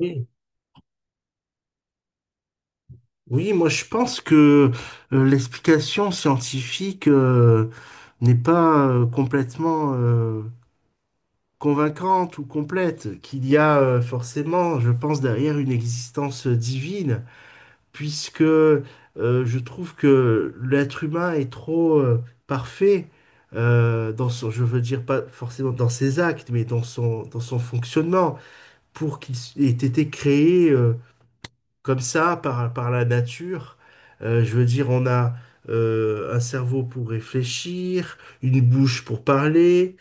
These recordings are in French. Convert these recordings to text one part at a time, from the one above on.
Oui, oui, moi je pense que l'explication scientifique n'est pas complètement convaincante ou complète, qu'il y a forcément, je pense, derrière une existence divine, puisque je trouve que l'être humain est trop parfait dans son, je veux dire pas forcément dans ses actes, mais dans son fonctionnement, pour qu'il ait été créé. Comme ça, par la nature. Je veux dire, on a un cerveau pour réfléchir, une bouche pour parler,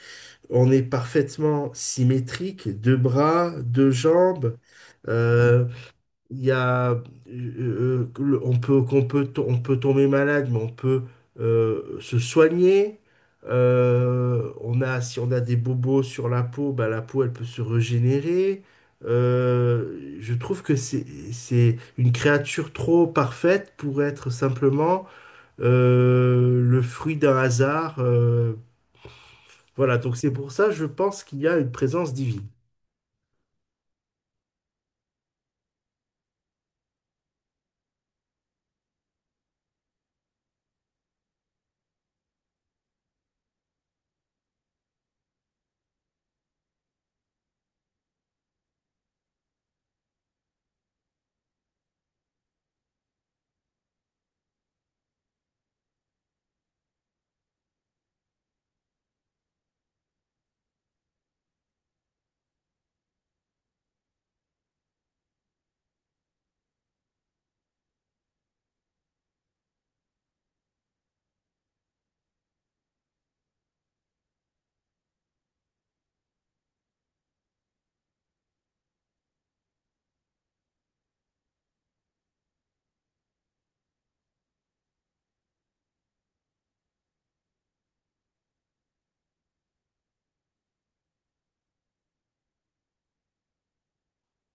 on est parfaitement symétrique, deux bras, deux jambes. Mm. Il y a, le- on peut, qu'on peut, to- on peut tomber malade, mais on peut se soigner. Si on a des bobos sur la peau, bah, la peau, elle peut se régénérer. Je trouve que c'est une créature trop parfaite pour être simplement le fruit d'un hasard. Voilà, donc c'est pour ça, je pense qu'il y a une présence divine.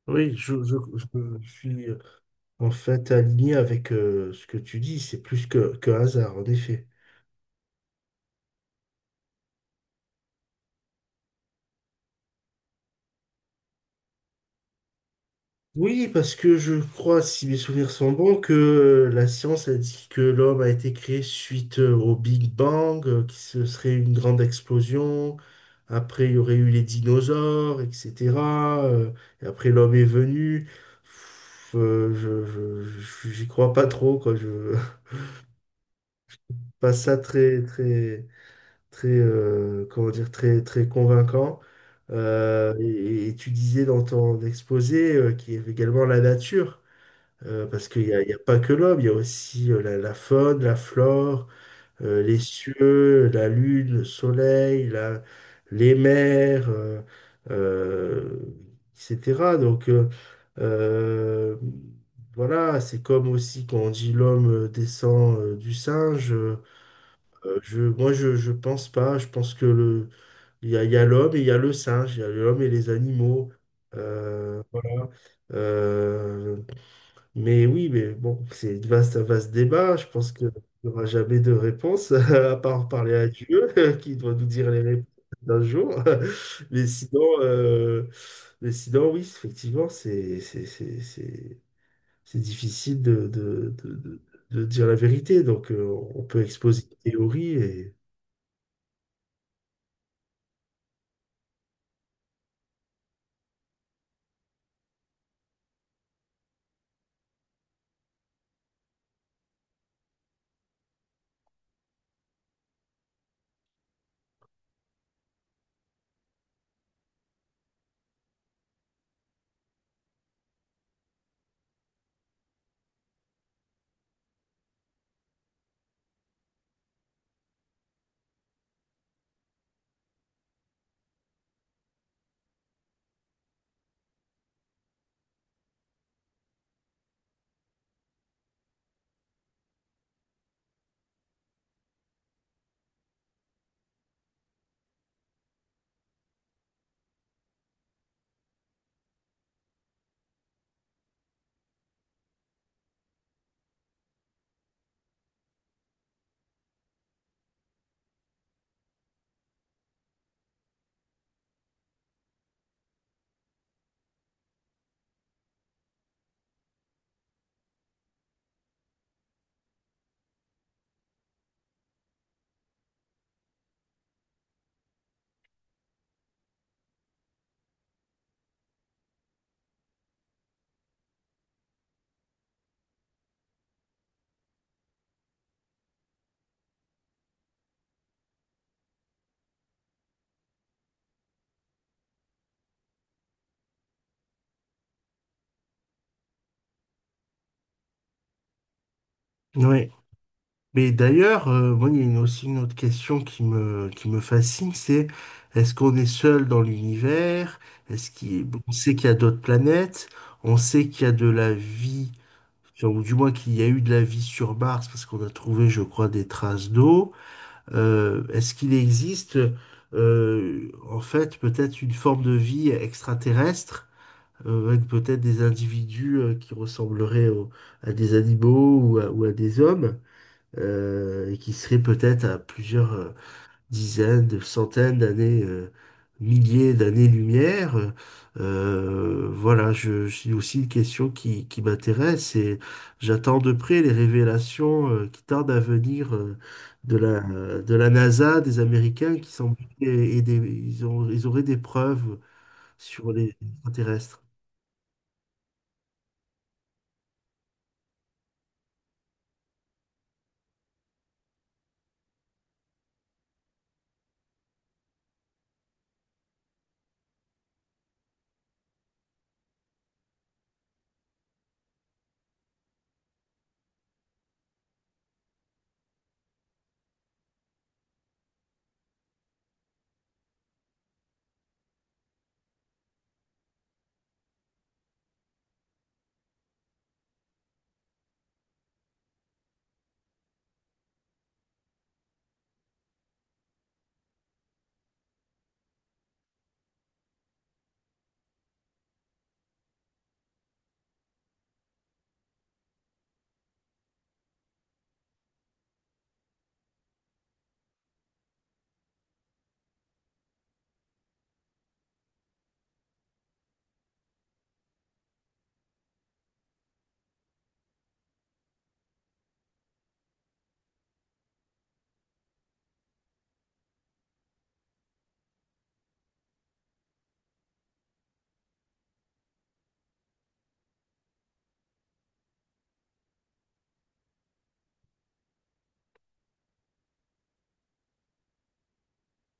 Oui, je suis... En fait, aligné avec ce que tu dis, c'est plus que hasard, en effet. Oui, parce que je crois, si mes souvenirs sont bons, que la science a dit que l'homme a été créé suite au Big Bang, que ce serait une grande explosion. Après, il y aurait eu les dinosaures, etc. euh, et après, l'homme est venu. Pff, je- J'y crois pas trop, quoi. Je pas ça très, très, très, comment dire, très, très convaincant. Et tu disais dans ton exposé qu'il y avait également la nature, parce qu'il y a pas que l'homme, il y a aussi la faune, la flore, les cieux, la lune, le soleil, les mers, euh, etc. Donc, euh, voilà, c'est comme aussi quand on dit l'homme descend du singe. Moi, je pense pas. Je pense que il y a l'homme et il y a le singe, il y a l'homme et les animaux. Voilà. Euh, mais oui, mais bon, c'est un vaste débat. Je pense qu'il n'y aura jamais de réponse, à part parler à Dieu, qui doit nous dire les réponses d'un jour. Mais sinon, euh, mais sinon, oui, effectivement, c'est difficile de dire la vérité. Donc, on peut exposer une théorie et. Ouais. Mais d'ailleurs, moi, il y a une- aussi une autre question qui me fascine, c'est est-ce qu'on est seul dans l'univers? Bon, on sait qu'il y a d'autres planètes, on sait qu'il y a de la vie, enfin, ou du moins qu'il y a eu de la vie sur Mars, parce qu'on a trouvé, je crois, des traces d'eau. Est-ce qu'il existe, en fait, peut-être une forme de vie extraterrestre, avec peut-être des individus, qui ressembleraient à des animaux ou à des hommes? Et qui serait peut-être à plusieurs dizaines, de centaines d'années, milliers d'années-lumière. Voilà, c'est aussi une question qui m'intéresse et j'attends de près les révélations qui tardent à venir de la NASA, des Américains qui semblent ils auraient des preuves sur les extraterrestres.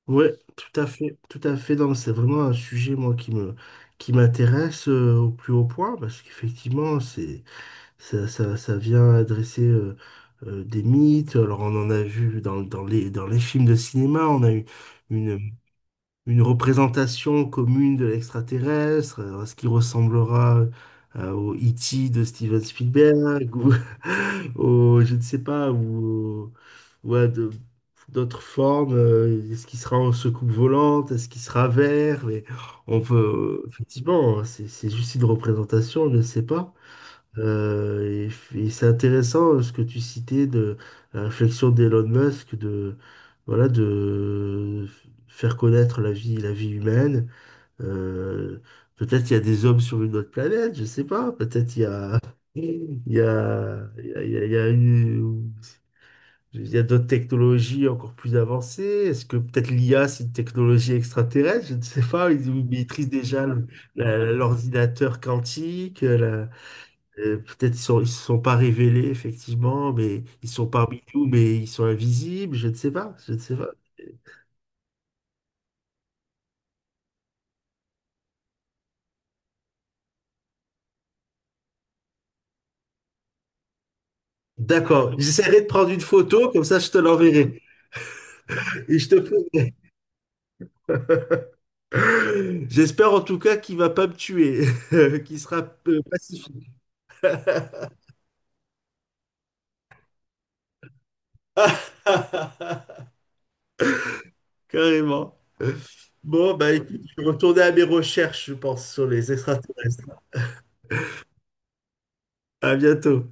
Ouais, tout à fait, tout à fait. Non, mais c'est vraiment un sujet, moi, qui m'intéresse au plus haut point, parce qu'effectivement, ça vient adresser des mythes. Alors, on en a vu dans les films de cinéma, on a eu une, une représentation commune de l'extraterrestre, ce qui ressemblera au E.T. de Steven Spielberg, ou au, je ne sais pas, ou à d'autres formes, est-ce qu'il sera en secoupe volante, est-ce qu'il sera vert, mais on peut, effectivement, c'est juste une représentation, on ne sait pas. Et c'est intéressant ce que tu citais de la réflexion d'Elon Musk de voilà de faire connaître la vie humaine. Euh, Peut-être il y a des hommes sur une autre planète, je sais pas. Peut-être il y a il y a il y a, il y a- il y a d'autres technologies encore plus avancées. Est-ce que peut-être l'IA c'est une technologie extraterrestre? Je ne sais pas. Ils maîtrisent déjà l'ordinateur quantique. Peut-être ils se sont pas révélés, effectivement, mais ils sont parmi nous, mais ils sont invisibles, je ne sais pas, je ne sais pas. D'accord, j'essaierai de prendre une photo, comme ça je te l'enverrai. Et je te ferai- J'espère en tout cas qu'il va pas me tuer, qu'il sera pacifique. Carrément. Bon, bah écoute, je vais retourner à mes recherches, je pense, sur les extraterrestres. À bientôt.